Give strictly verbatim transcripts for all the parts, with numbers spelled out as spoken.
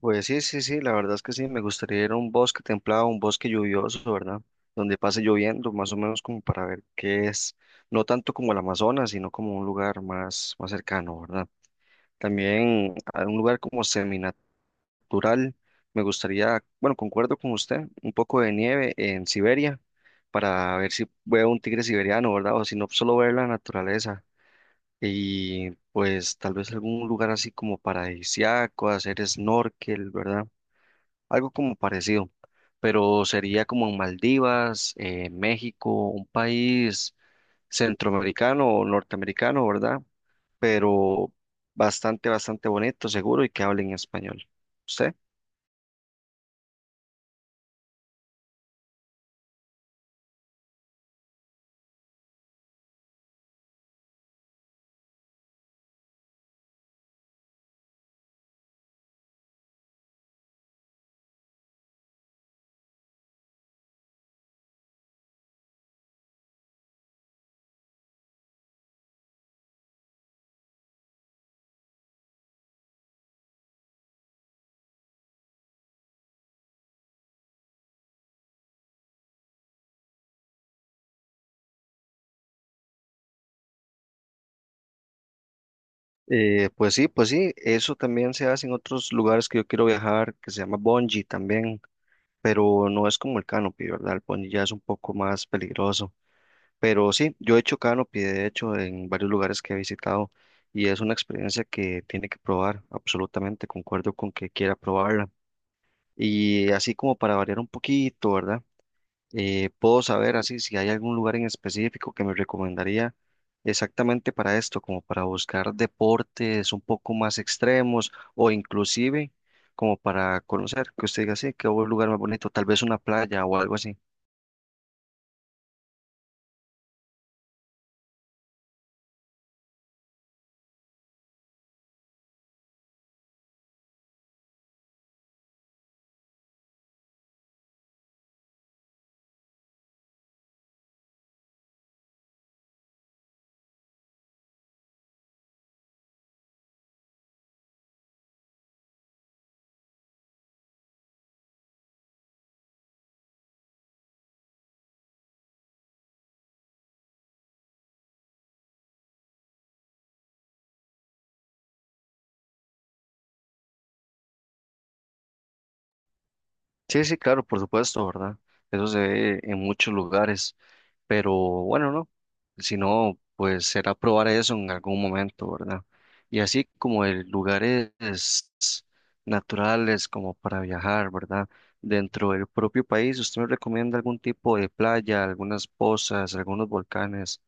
Pues sí, sí, sí, la verdad es que sí, me gustaría ir a un bosque templado, un bosque lluvioso, ¿verdad? Donde pase lloviendo, más o menos como para ver qué es, no tanto como el Amazonas, sino como un lugar más, más cercano, ¿verdad? También a un lugar como seminatural, me gustaría, bueno, concuerdo con usted, un poco de nieve en Siberia, para ver si veo un tigre siberiano, ¿verdad? O si no, solo ver la naturaleza. Y pues tal vez algún lugar así como paradisíaco, hacer snorkel, ¿verdad? Algo como parecido, pero sería como en Maldivas, eh, México, un país centroamericano o norteamericano, ¿verdad? Pero bastante, bastante bonito, seguro, y que hablen español. ¿Usted? Eh, pues sí, pues sí, eso también se hace en otros lugares que yo quiero viajar, que se llama bungee también, pero no es como el canopy, ¿verdad? El bungee ya es un poco más peligroso. Pero sí, yo he hecho canopy, de hecho, en varios lugares que he visitado y es una experiencia que tiene que probar, absolutamente, concuerdo con que quiera probarla. Y así como para variar un poquito, ¿verdad? Eh, puedo saber así si hay algún lugar en específico que me recomendaría exactamente para esto, como para buscar deportes un poco más extremos o inclusive como para conocer, que usted diga, sí, qué buen lugar más bonito, tal vez una playa o algo así. Sí, sí, claro, por supuesto, ¿verdad? Eso se ve en muchos lugares, pero bueno, no, si no, pues será probar eso en algún momento, ¿verdad? Y así como el lugares naturales como para viajar, ¿verdad? Dentro del propio país, ¿usted me recomienda algún tipo de playa, algunas pozas, algunos volcanes,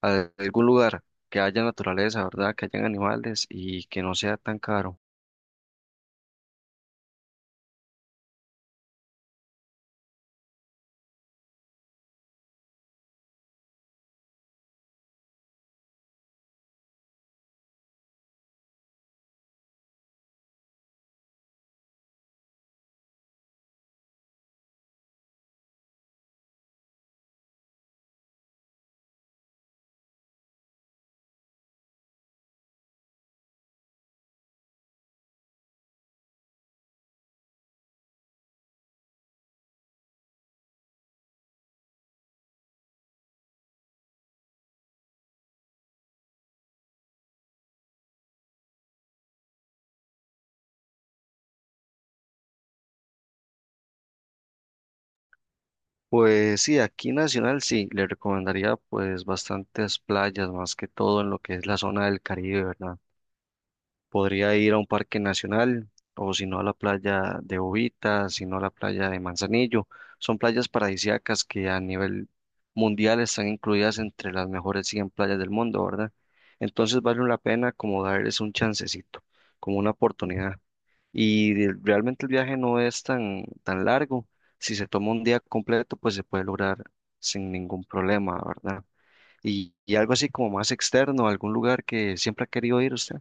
al- algún lugar que haya naturaleza, ¿verdad? ¿Que hayan animales y que no sea tan caro? Pues sí, aquí nacional sí, le recomendaría pues bastantes playas, más que todo en lo que es la zona del Caribe, ¿verdad? Podría ir a un parque nacional o si no a la playa de Bobita, si no a la playa de Manzanillo. Son playas paradisíacas que a nivel mundial están incluidas entre las mejores cien playas del mundo, ¿verdad? Entonces vale la pena como darles un chancecito, como una oportunidad. Y de- realmente el viaje no es tan, tan largo. Si se toma un día completo, pues se puede lograr sin ningún problema, ¿verdad? Y, y algo así como más externo, algún lugar que siempre ha querido ir usted.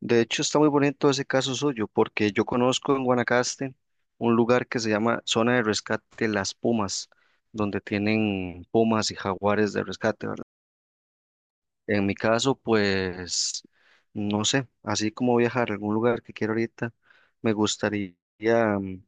De hecho, está muy bonito ese caso suyo, porque yo conozco en Guanacaste un lugar que se llama Zona de Rescate Las Pumas, donde tienen pumas y jaguares de rescate, ¿verdad? En mi caso, pues, no sé, así como viajar a algún lugar que quiero ahorita, me gustaría mm,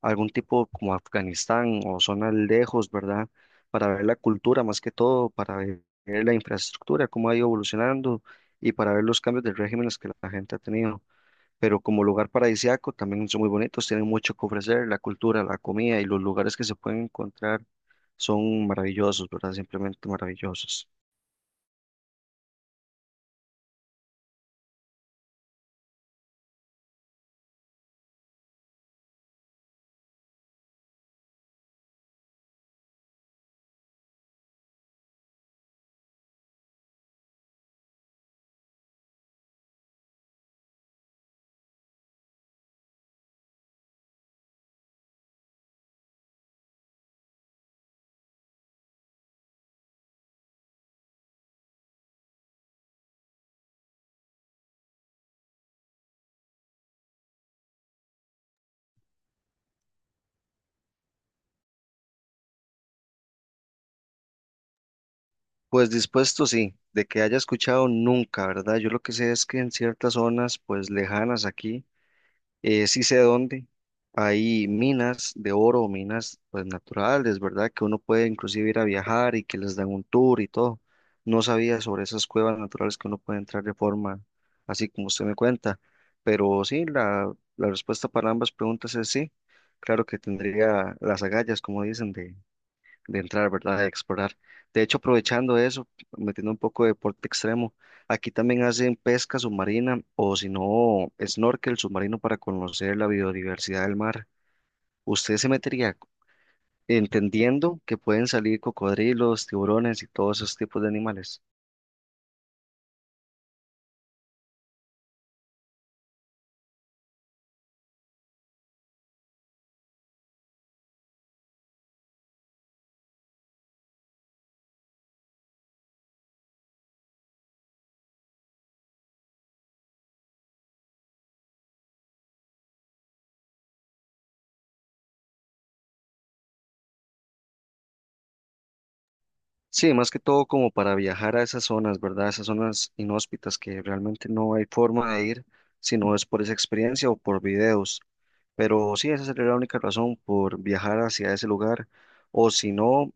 algún tipo como Afganistán o zonas lejos, ¿verdad? Para ver la cultura más que todo, para ver la infraestructura, cómo ha ido evolucionando y para ver los cambios de regímenes que la gente ha tenido. Pero como lugar paradisíaco también son muy bonitos, tienen mucho que ofrecer, la cultura, la comida y los lugares que se pueden encontrar son maravillosos, ¿verdad? Simplemente maravillosos. Pues dispuesto, sí, de que haya escuchado nunca, ¿verdad? Yo lo que sé es que en ciertas zonas, pues lejanas aquí, Eh, sí sé dónde. Hay minas de oro, minas pues naturales, ¿verdad? Que uno puede inclusive ir a viajar y que les dan un tour y todo. No sabía sobre esas cuevas naturales que uno puede entrar de forma así como usted me cuenta. Pero sí, la, la respuesta para ambas preguntas es sí. Claro que tendría las agallas, como dicen, de de entrar, ¿verdad? De explorar. De hecho, aprovechando eso, metiendo un poco de deporte extremo, aquí también hacen pesca submarina o si no, snorkel submarino para conocer la biodiversidad del mar. Usted se metería entendiendo que pueden salir cocodrilos, tiburones y todos esos tipos de animales. Sí, más que todo como para viajar a esas zonas, ¿verdad? Esas zonas inhóspitas que realmente no hay forma de ir si no es por esa experiencia o por videos. Pero sí, esa sería la única razón por viajar hacia ese lugar o si no,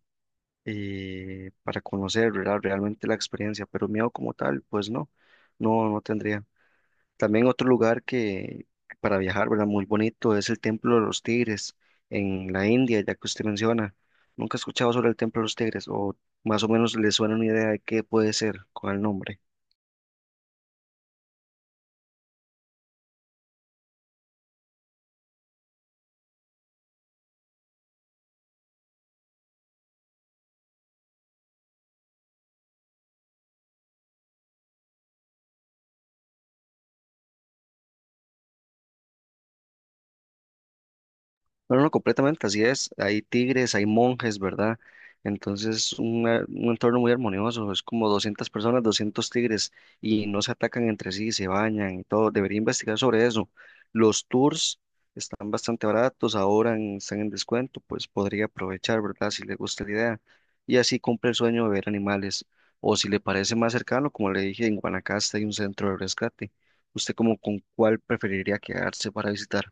eh, para conocer, ¿verdad? Realmente la experiencia, pero miedo como tal, pues no, no, no tendría. También otro lugar que que para viajar, ¿verdad? Muy bonito es el Templo de los Tigres en la India, ya que usted menciona. Nunca he escuchado sobre el Templo de los Tigres o más o menos le suena una idea de qué puede ser con el nombre. No, no, completamente, así es. Hay tigres, hay monjes, ¿verdad? Entonces, un, eh, un entorno muy armonioso. Es como doscientas personas, doscientos tigres y no se atacan entre sí, se bañan y todo. Debería investigar sobre eso. Los tours están bastante baratos, ahora en- están en descuento, pues podría aprovechar, ¿verdad? Si le gusta la idea. Y así cumple el sueño de ver animales. O si le parece más cercano, como le dije, en Guanacaste hay un centro de rescate. ¿Usted como con cuál preferiría quedarse para visitar?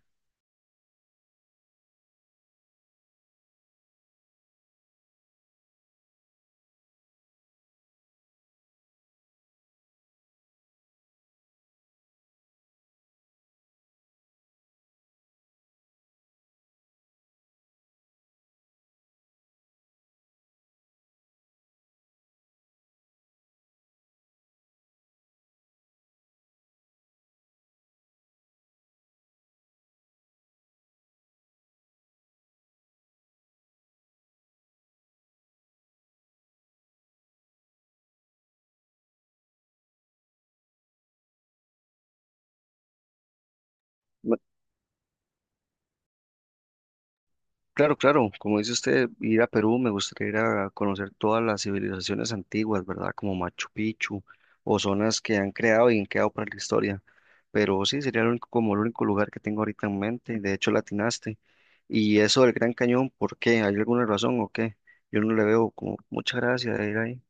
Claro, claro, como dice usted, ir a Perú me gustaría ir a conocer todas las civilizaciones antiguas, ¿verdad? Como Machu Picchu o zonas que han creado y han quedado para la historia. Pero sí, sería el único- como el único lugar que tengo ahorita en mente. De hecho, latinaste. Y eso del Gran Cañón, ¿por qué? ¿Hay alguna razón o qué? Yo no le veo como mucha gracia de ir ahí.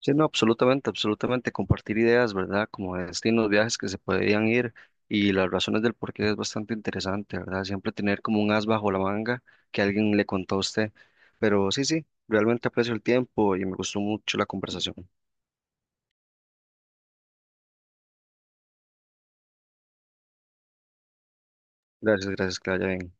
Sí, no, absolutamente, absolutamente. Compartir ideas, ¿verdad? Como destinos, viajes que se podían ir y las razones del por qué es bastante interesante, ¿verdad? Siempre tener como un as bajo la manga que alguien le contó a usted. Pero sí, sí, realmente aprecio el tiempo y me gustó mucho la conversación. Gracias, gracias, que la haya bien.